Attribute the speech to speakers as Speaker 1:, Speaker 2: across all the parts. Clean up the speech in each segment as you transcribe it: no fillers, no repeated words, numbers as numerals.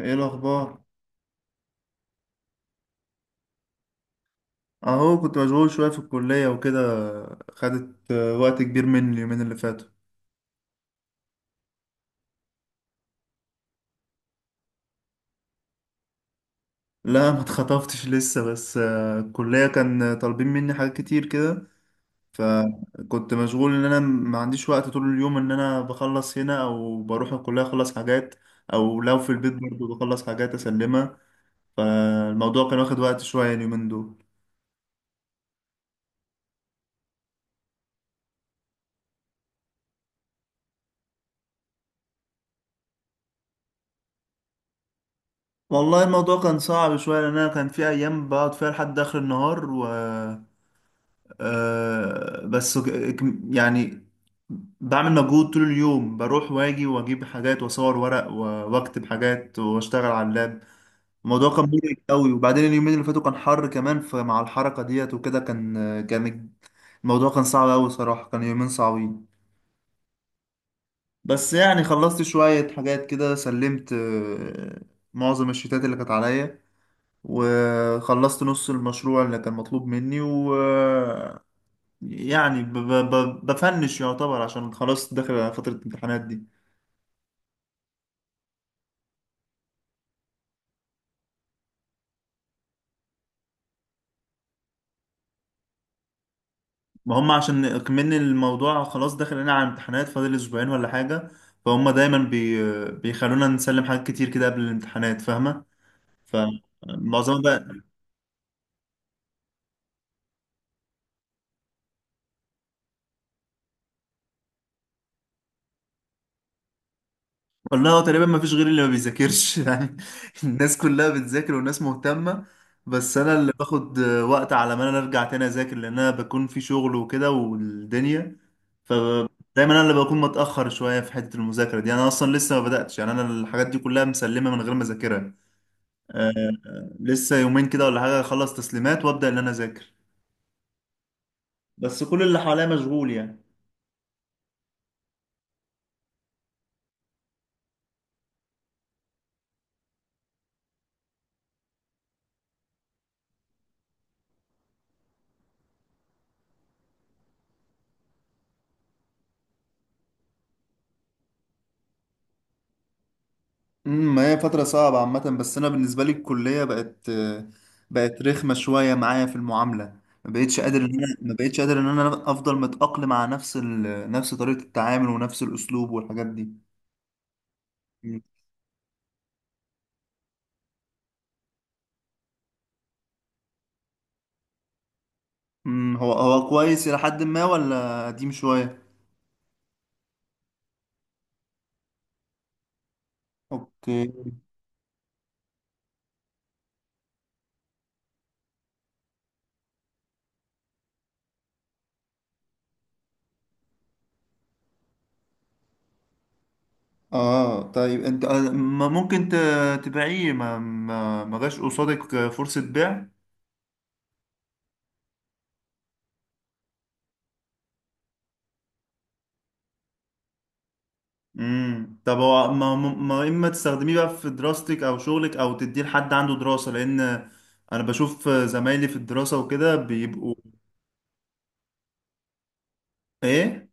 Speaker 1: ايه الاخبار؟ اهو كنت مشغول شويه في الكليه وكده. خدت وقت كبير مني اليومين اللي فاتوا. لا، ما اتخطفتش لسه، بس الكليه كان طالبين مني حاجات كتير كده. فكنت مشغول ان انا ما عنديش وقت طول اليوم، ان انا بخلص هنا او بروح الكليه اخلص حاجات، او لو في البيت برضو بخلص حاجات اسلمها. فالموضوع كان واخد وقت شويه اليومين دول. والله الموضوع كان صعب شويه، لان انا كان في ايام بقعد فيها لحد اخر النهار و آه، بس ك- يعني بعمل مجهود طول اليوم، بروح واجي واجيب حاجات واصور ورق واكتب حاجات واشتغل على اللاب. الموضوع كان مرهق قوي، وبعدين اليومين اللي فاتوا كان حر كمان، فمع الحركة ديت وكده كان الموضوع كان صعب قوي صراحة، كان يومين صعبين. بس يعني خلصت شوية حاجات كده، سلمت معظم الشتات اللي كانت عليا، وخلصت نص المشروع اللي كان مطلوب مني يعني ب ب ب بفنش يعتبر، عشان خلاص داخل على فترة الامتحانات دي. ما هم عشان كمان الموضوع خلاص داخل لنا على امتحانات، فاضل اسبوعين ولا حاجة. فهم دايما بيخلونا نسلم حاجات كتير كده قبل الامتحانات، فاهمة؟ فمعظمها بقى. والله هو تقريبا ما فيش غيري اللي ما بيذاكرش يعني. الناس كلها بتذاكر، والناس مهتمة، بس انا اللي باخد وقت على ما انا ارجع تاني اذاكر، لان انا بكون في شغل وكده والدنيا. فدايما انا اللي بكون متأخر شوية في حتة المذاكرة دي، انا اصلا لسه ما بدأتش يعني، انا الحاجات دي كلها مسلمة من غير ما اذاكرها. آه، لسه يومين كده ولا حاجة اخلص تسليمات وابدأ ان انا اذاكر، بس كل اللي حواليا مشغول يعني. ما هي فترة صعبة عامة، بس أنا بالنسبة لي الكلية بقت رخمة شوية معايا في المعاملة. ما بقتش قادر إن أنا ما بقتش قادر إن أنا أفضل متأقلم على نفس طريقة التعامل ونفس الأسلوب والحاجات دي. هو كويس إلى حد ما ولا قديم شوية؟ أوكي. آه طيب أنت، ما ممكن تبيعيه؟ ما جاش قصادك فرصة بيع؟ طب هو ما, ما ما اما تستخدميه بقى في دراستك او شغلك، او تديه لحد عنده دراسة، لان انا بشوف زمايلي في الدراسة وكده بيبقوا... ايه؟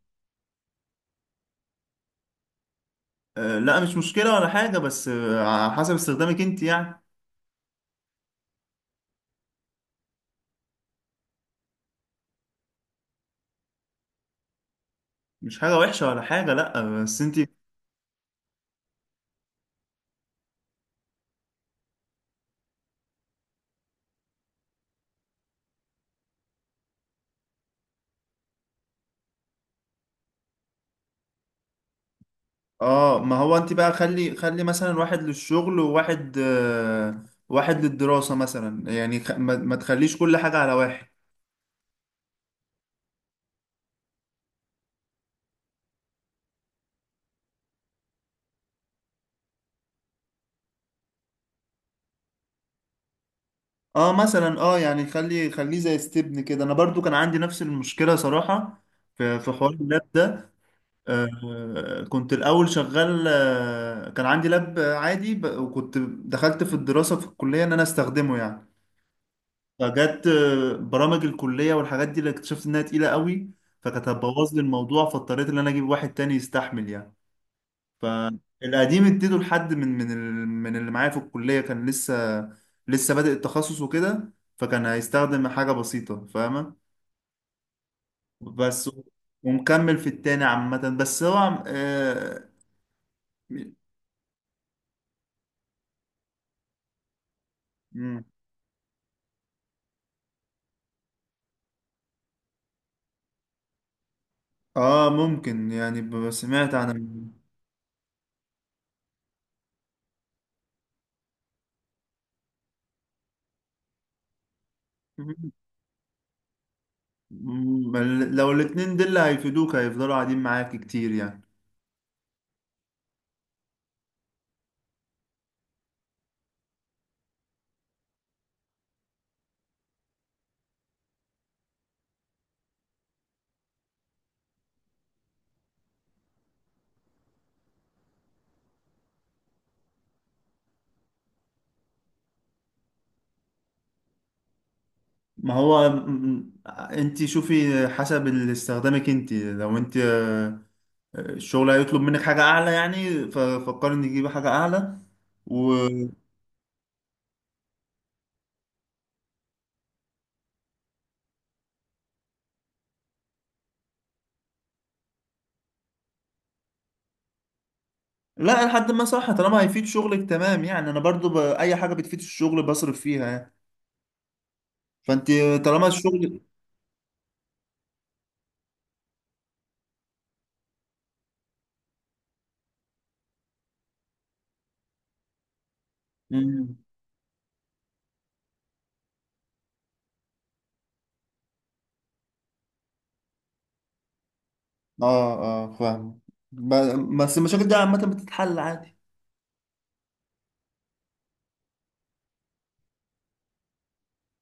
Speaker 1: آه لا، مش مشكلة ولا حاجة، بس على حسب استخدامك انت يعني. مش حاجة وحشة ولا حاجة، لا بس انت... اه ما هو انت بقى خلي خلي مثلا واحد للشغل، وواحد واحد للدراسة مثلا يعني، خ- ما, ما تخليش كل حاجة على واحد. اه مثلا، اه يعني خليه زي ستبن كده، انا برضو كان عندي نفس المشكله صراحه، في حوار اللاب ده. كنت الاول شغال، كان عندي لاب عادي وكنت دخلت في الدراسه في الكليه ان انا استخدمه يعني. فجت برامج الكليه والحاجات دي، اللي اكتشفت انها تقيله قوي، فكانت هتبوظ لي الموضوع، فاضطريت ان انا اجيب واحد تاني يستحمل يعني. فالقديم اديته لحد من من من اللي معايا في الكلية، كان لسه بادئ التخصص وكده، فكان هيستخدم حاجة بسيطة فاهمة. بس، ومكمل في التاني عامة، بس هو م- ممكن يعني، سمعت عن... م- م- لو الاتنين دول هيفيدوك هيفضلوا قاعدين معاك كتير يعني. ما هو انت شوفي، حسب اللي استخدامك انت، لو انت الشغل هيطلب منك حاجة أعلى يعني، ففكر إني أجيب حاجة أعلى و... لا لحد ما صح، طالما هيفيد شغلك تمام يعني، أنا برضو أي حاجة بتفيد الشغل بصرف فيها يعني. فأنت، طالما الشغل... مم. آه آه، فاهم. ب... بس المشاكل دي عامة بتتحل عادي.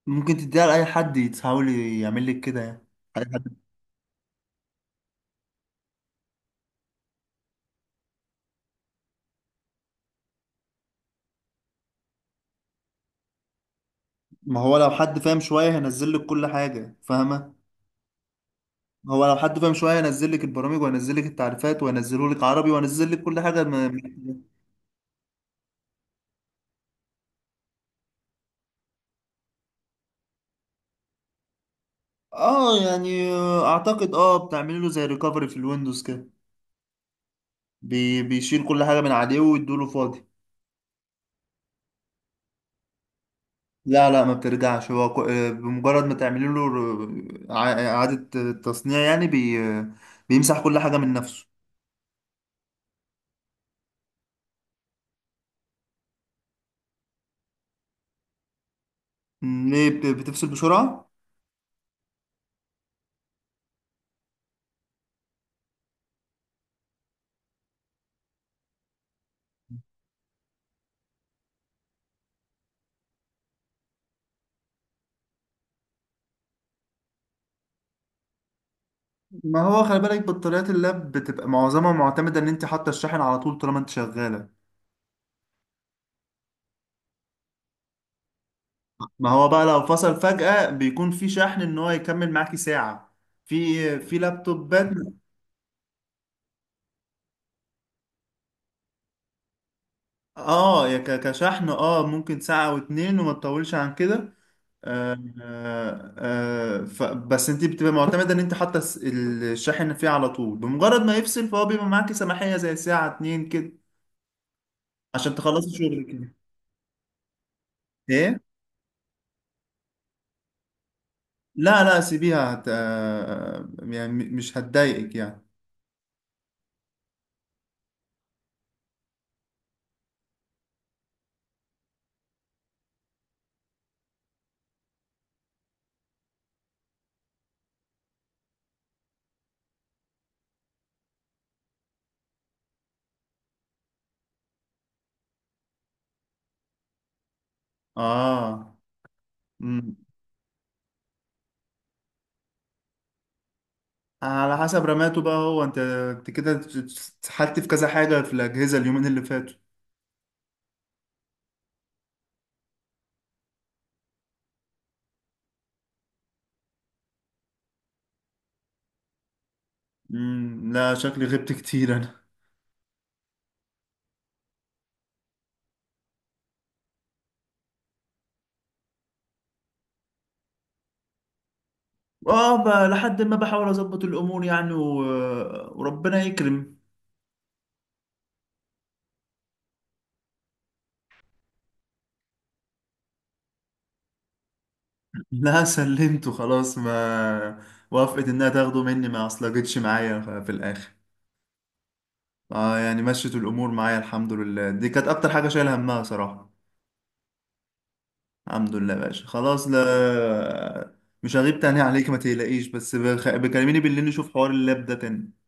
Speaker 1: ممكن تديها لأي حد يتحاول يعمل لك كده يعني. أي حد، ما هو لو حد فاهم شوية هينزل لك كل حاجة فاهمة. هو لو حد فاهم شوية هينزل لك البرامج وهينزل لك التعريفات وهينزله لك عربي وهينزل لك كل حاجة ما... اه يعني، اعتقد بتعمل له زي ريكفري في الويندوز كده. بيشيل كل حاجه من عليه ويدوله فاضي. لا لا، ما بترجعش، هو بمجرد ما تعملي له اعاده تصنيع يعني، بي آه، بيمسح كل حاجه من نفسه. ليه بتفصل بسرعه؟ ما هو خلي بالك، بطاريات اللاب بتبقى معظمها معتمده ان انت حاطه الشاحن على طول، طالما انت شغاله. ما هو بقى لو فصل فجاه بيكون في شحن ان هو يكمل معاكي ساعه، في لابتوبات. اه يا كشحن، اه ممكن ساعة او اتنين وما تطولش عن كده. آه آه ف بس انت بتبقى معتمدة ان انت حاطة الشاحن فيه على طول، بمجرد ما يفصل فهو بيبقى معاكي سماحية زي ساعة اتنين كده عشان تخلصي شغلك كده. ايه؟ لا لا، سيبيها، هت... آه يعني مش هتضايقك يعني. اه. مم. على حسب رماته بقى، هو انت، انت كده اتسحلت في كذا حاجة في الأجهزة اليومين اللي فاتوا. مم. لا شكلي غبت كتير. اه لحد ما بحاول اظبط الامور يعني و... وربنا يكرم. لا سلمته خلاص، ما وافقت انها تاخده مني، ما اصلجتش معايا في الاخر. اه يعني، مشيت الامور معايا الحمد لله، دي كانت اكتر حاجه شايل همها صراحه. الحمد لله يا باشا، خلاص لا، مش هغيب تاني عليك ما تقلقيش، بس بكلميني بالليل نشوف حوار اللاب ده تاني.